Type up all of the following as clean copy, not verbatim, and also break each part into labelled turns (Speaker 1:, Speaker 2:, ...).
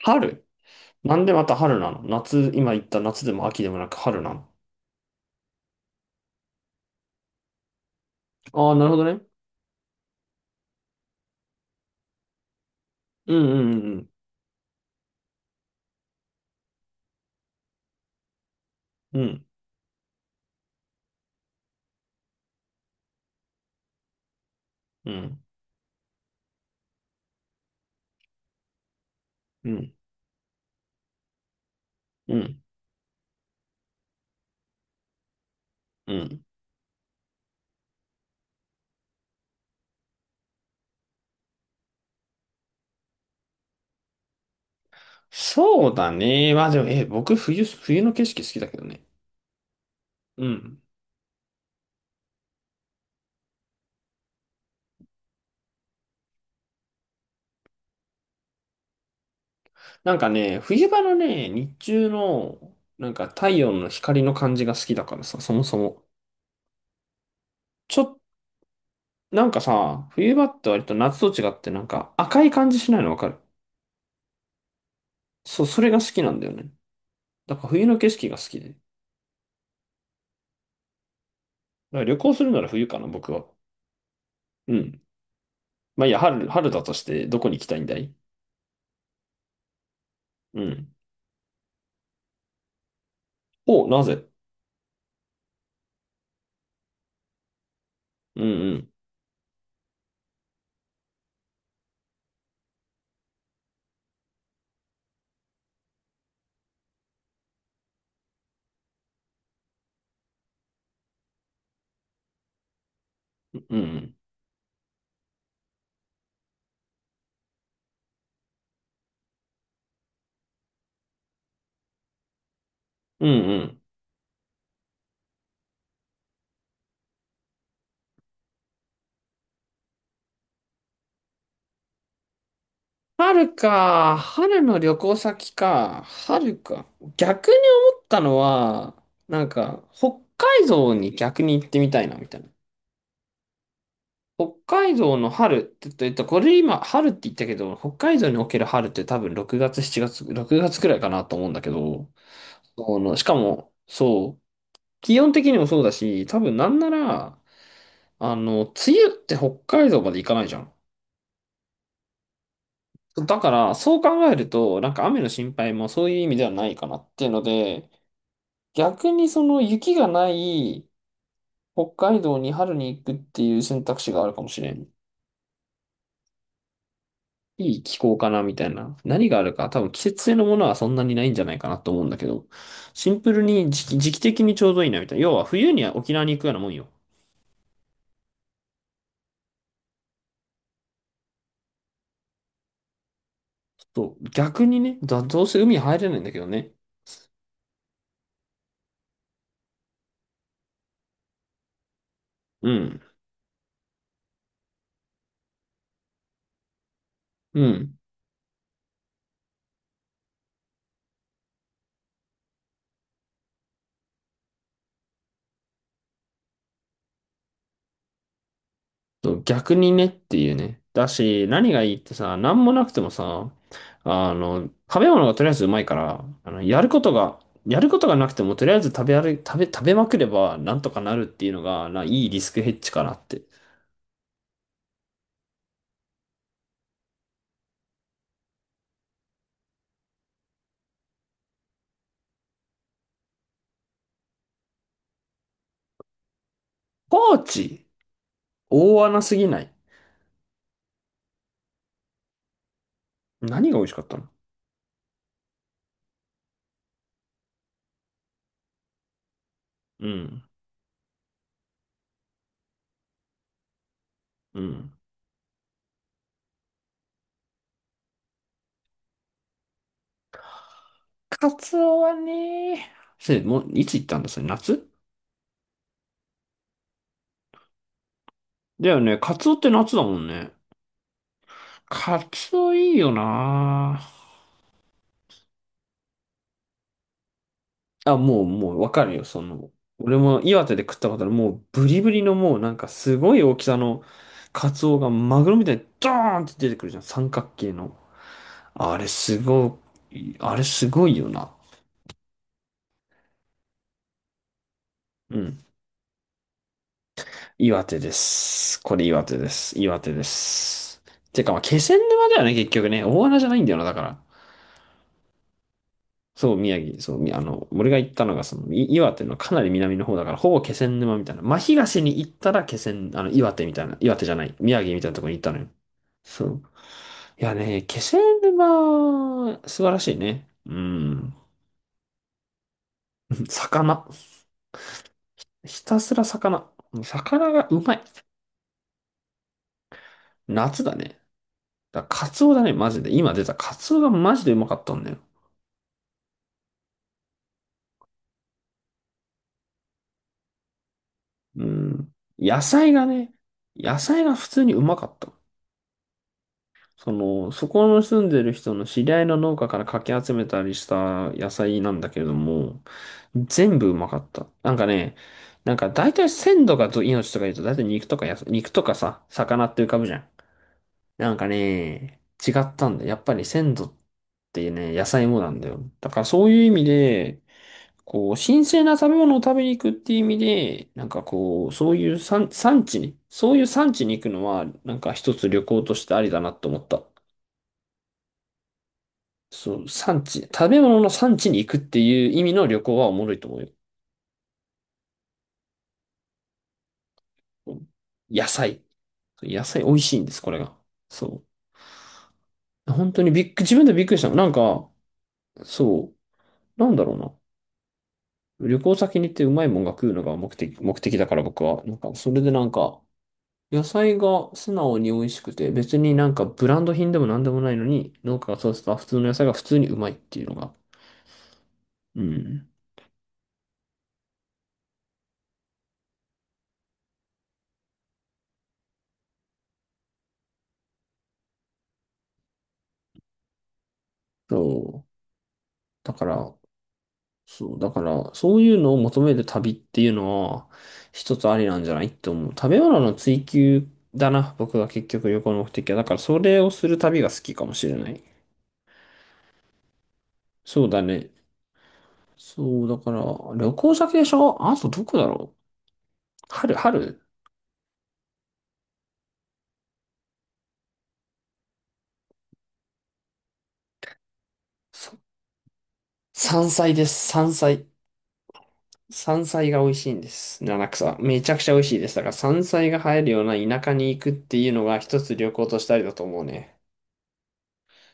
Speaker 1: 春。なんでまた春なの？夏、今言った夏でも秋でもなく春なの？ああー、なるほどね。うんうんうんうん。うんうんうんうんうん。そうだね。まあでも、僕冬の景色好きだけどね。うん。なんかね、冬場のね、日中の、なんか太陽の光の感じが好きだからさ、そもそも。ちょ、なんかさ、冬場って割と夏と違ってなんか赤い感じしないのわかる？そう、それが好きなんだよね。だから冬の景色が好きで。だから旅行するなら冬かな、僕は。うん。まあいいや、春、春だとしてどこに行きたいんだい？うん。お、なぜ？うんうん。うんうん。うんうん。春か。春の旅行先か。春か。逆に思ったのは、なんか、北海道に逆に行ってみたいな、みたいな。北海道の春って言った、これ今、春って言ったけど、北海道における春って多分6月、7月、6月くらいかなと思うんだけど、しかも、そう、気温的にもそうだし、多分なんなら、梅雨って北海道まで行かないじゃん。だから、そう考えると、なんか雨の心配もそういう意味ではないかなっていうので、逆にその雪がない北海道に春に行くっていう選択肢があるかもしれん。いい気候かなみたいな。何があるか、多分季節性のものはそんなにないんじゃないかなと思うんだけど、シンプルに時期的にちょうどいいなみたいな。要は冬には沖縄に行くようなもんよ。そう、逆にね、どうせ海入れないんだけどね。うん。うん。そう逆にねっていうね。だし、何がいいってさ、何もなくてもさ、食べ物がとりあえずうまいから、やることがなくてもとりあえず食べ歩い、食べ、食べまくればなんとかなるっていうのが、いいリスクヘッジかなって。高知、大穴すぎない？何が美味しかったの？うん。うん。カツオはね、もう、いつ行ったんだそれ、夏？だよね。カツオって夏だもんね。カツオいいよな。あ、もう、わかるよ、俺も岩手で食ったことある、もう、ブリブリのもう、なんか、すごい大きさの、カツオがマグロみたいに、ドーンって出てくるじゃん、三角形の。あれ、すごあれ、すごいよな。うん。岩手です。これ、岩手です。岩手です。てか、まあ、気仙沼だよね、結局ね。大穴じゃないんだよな、だから。そう、宮城、そう、みあの、俺が行ったのが、岩手のかなり南の方だから、ほぼ気仙沼みたいな。真東に行ったら気仙、あの、岩手みたいな、岩手じゃない、宮城みたいなところに行ったのよ。そう。いやね、気仙沼、素晴らしいね。うん。魚。ひたすら魚。魚がうまい。夏だね。だからカツオだね、マジで。今出たカツオがマジでうまかったんだよ。うん。野菜がね、野菜が普通にうまかった。そこの住んでる人の知り合いの農家からかき集めたりした野菜なんだけれども、全部うまかった。なんか大体鮮度がど命とか言うと大体肉とかさ、魚って浮かぶじゃん。なんかね、違ったんだよ。やっぱり鮮度ってね、野菜もなんだよ。だからそういう意味で、こう、新鮮な食べ物を食べに行くっていう意味で、なんかこう、そういう産、産地に、そういう産地に行くのは、なんか一つ旅行としてありだなと思った。そう、産地、食べ物の産地に行くっていう意味の旅行はおもろいと思うよ。野菜。野菜美味しいんです、これが。そう。本当にびっく、自分でびっくりしたの。なんか、そう、なんだろうな。旅行先に行ってうまいもんが食うのが目的だから僕は。なんか、それでなんか、野菜が素直に美味しくて、別になんかブランド品でもなんでもないのに、農家が育てた普通の野菜が普通にうまいっていうのが。うん。そう。だから、そう、だから、そういうのを求める旅っていうのは、一つありなんじゃないって思う。食べ物の追求だな、僕が結局旅行の目的は。だから、それをする旅が好きかもしれない。そうだね。そう、だから、旅行先でしょ。あとどこだろう？春、春。そ山菜です、山菜。山菜が美味しいんです。七草。めちゃくちゃ美味しいです。だから、山菜が生えるような田舎に行くっていうのが一つ旅行としたりだと思うね。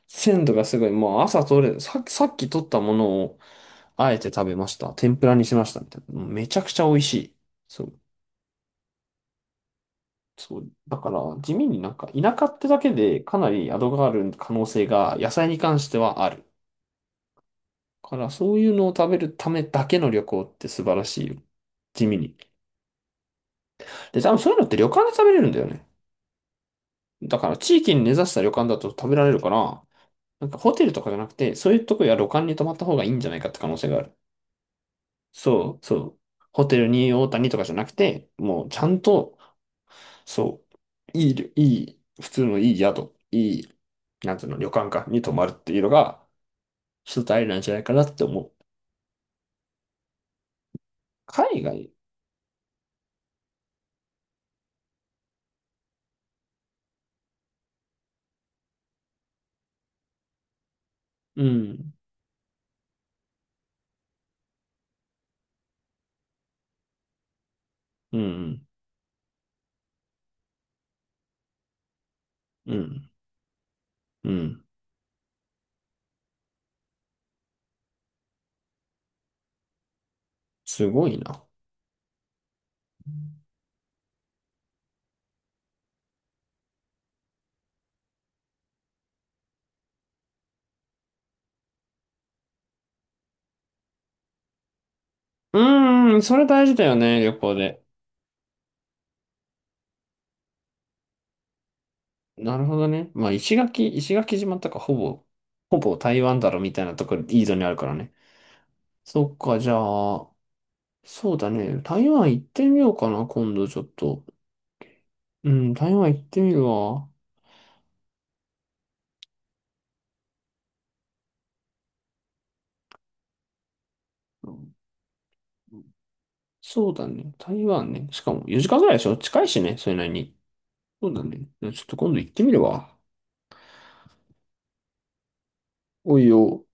Speaker 1: 鮮度がすごい。もう朝取れ、さ、さっき取ったものを、あえて食べました。天ぷらにしました。みたいな。もうめちゃくちゃ美味しい。そう、そう。だから、地味になんか、田舎ってだけでかなり宿がある可能性が、野菜に関してはある。だから、そういうのを食べるためだけの旅行って素晴らしいよ。地味に。で、多分そういうのって旅館で食べれるんだよね。だから、地域に根ざした旅館だと食べられるから、なんかホテルとかじゃなくて、そういうとこや旅館に泊まった方がいいんじゃないかって可能性がある。そう、そう。ホテルに大谷とかじゃなくて、もうちゃんと、そう、いい旅、いい、普通のいい宿、なんつうの、旅館か、に泊まるっていうのが、一つありなんじゃないかなって思う。海外。うん、うん、うん、うん。すごいな。うーん、それ大事だよね、旅行で。なるほどね。まあ、石垣島とかほぼ台湾だろみたいなところ、いいぞにあるからね。そっか、じゃあ、そうだね。台湾行ってみようかな、今度ちょっと。うん、台湾行ってみるわ。うん。そうだね。台湾ね。しかも4時間ぐらいでしょ近いしね、それなりに。そうだね。ちょっと今度行ってみるわ。おいよ。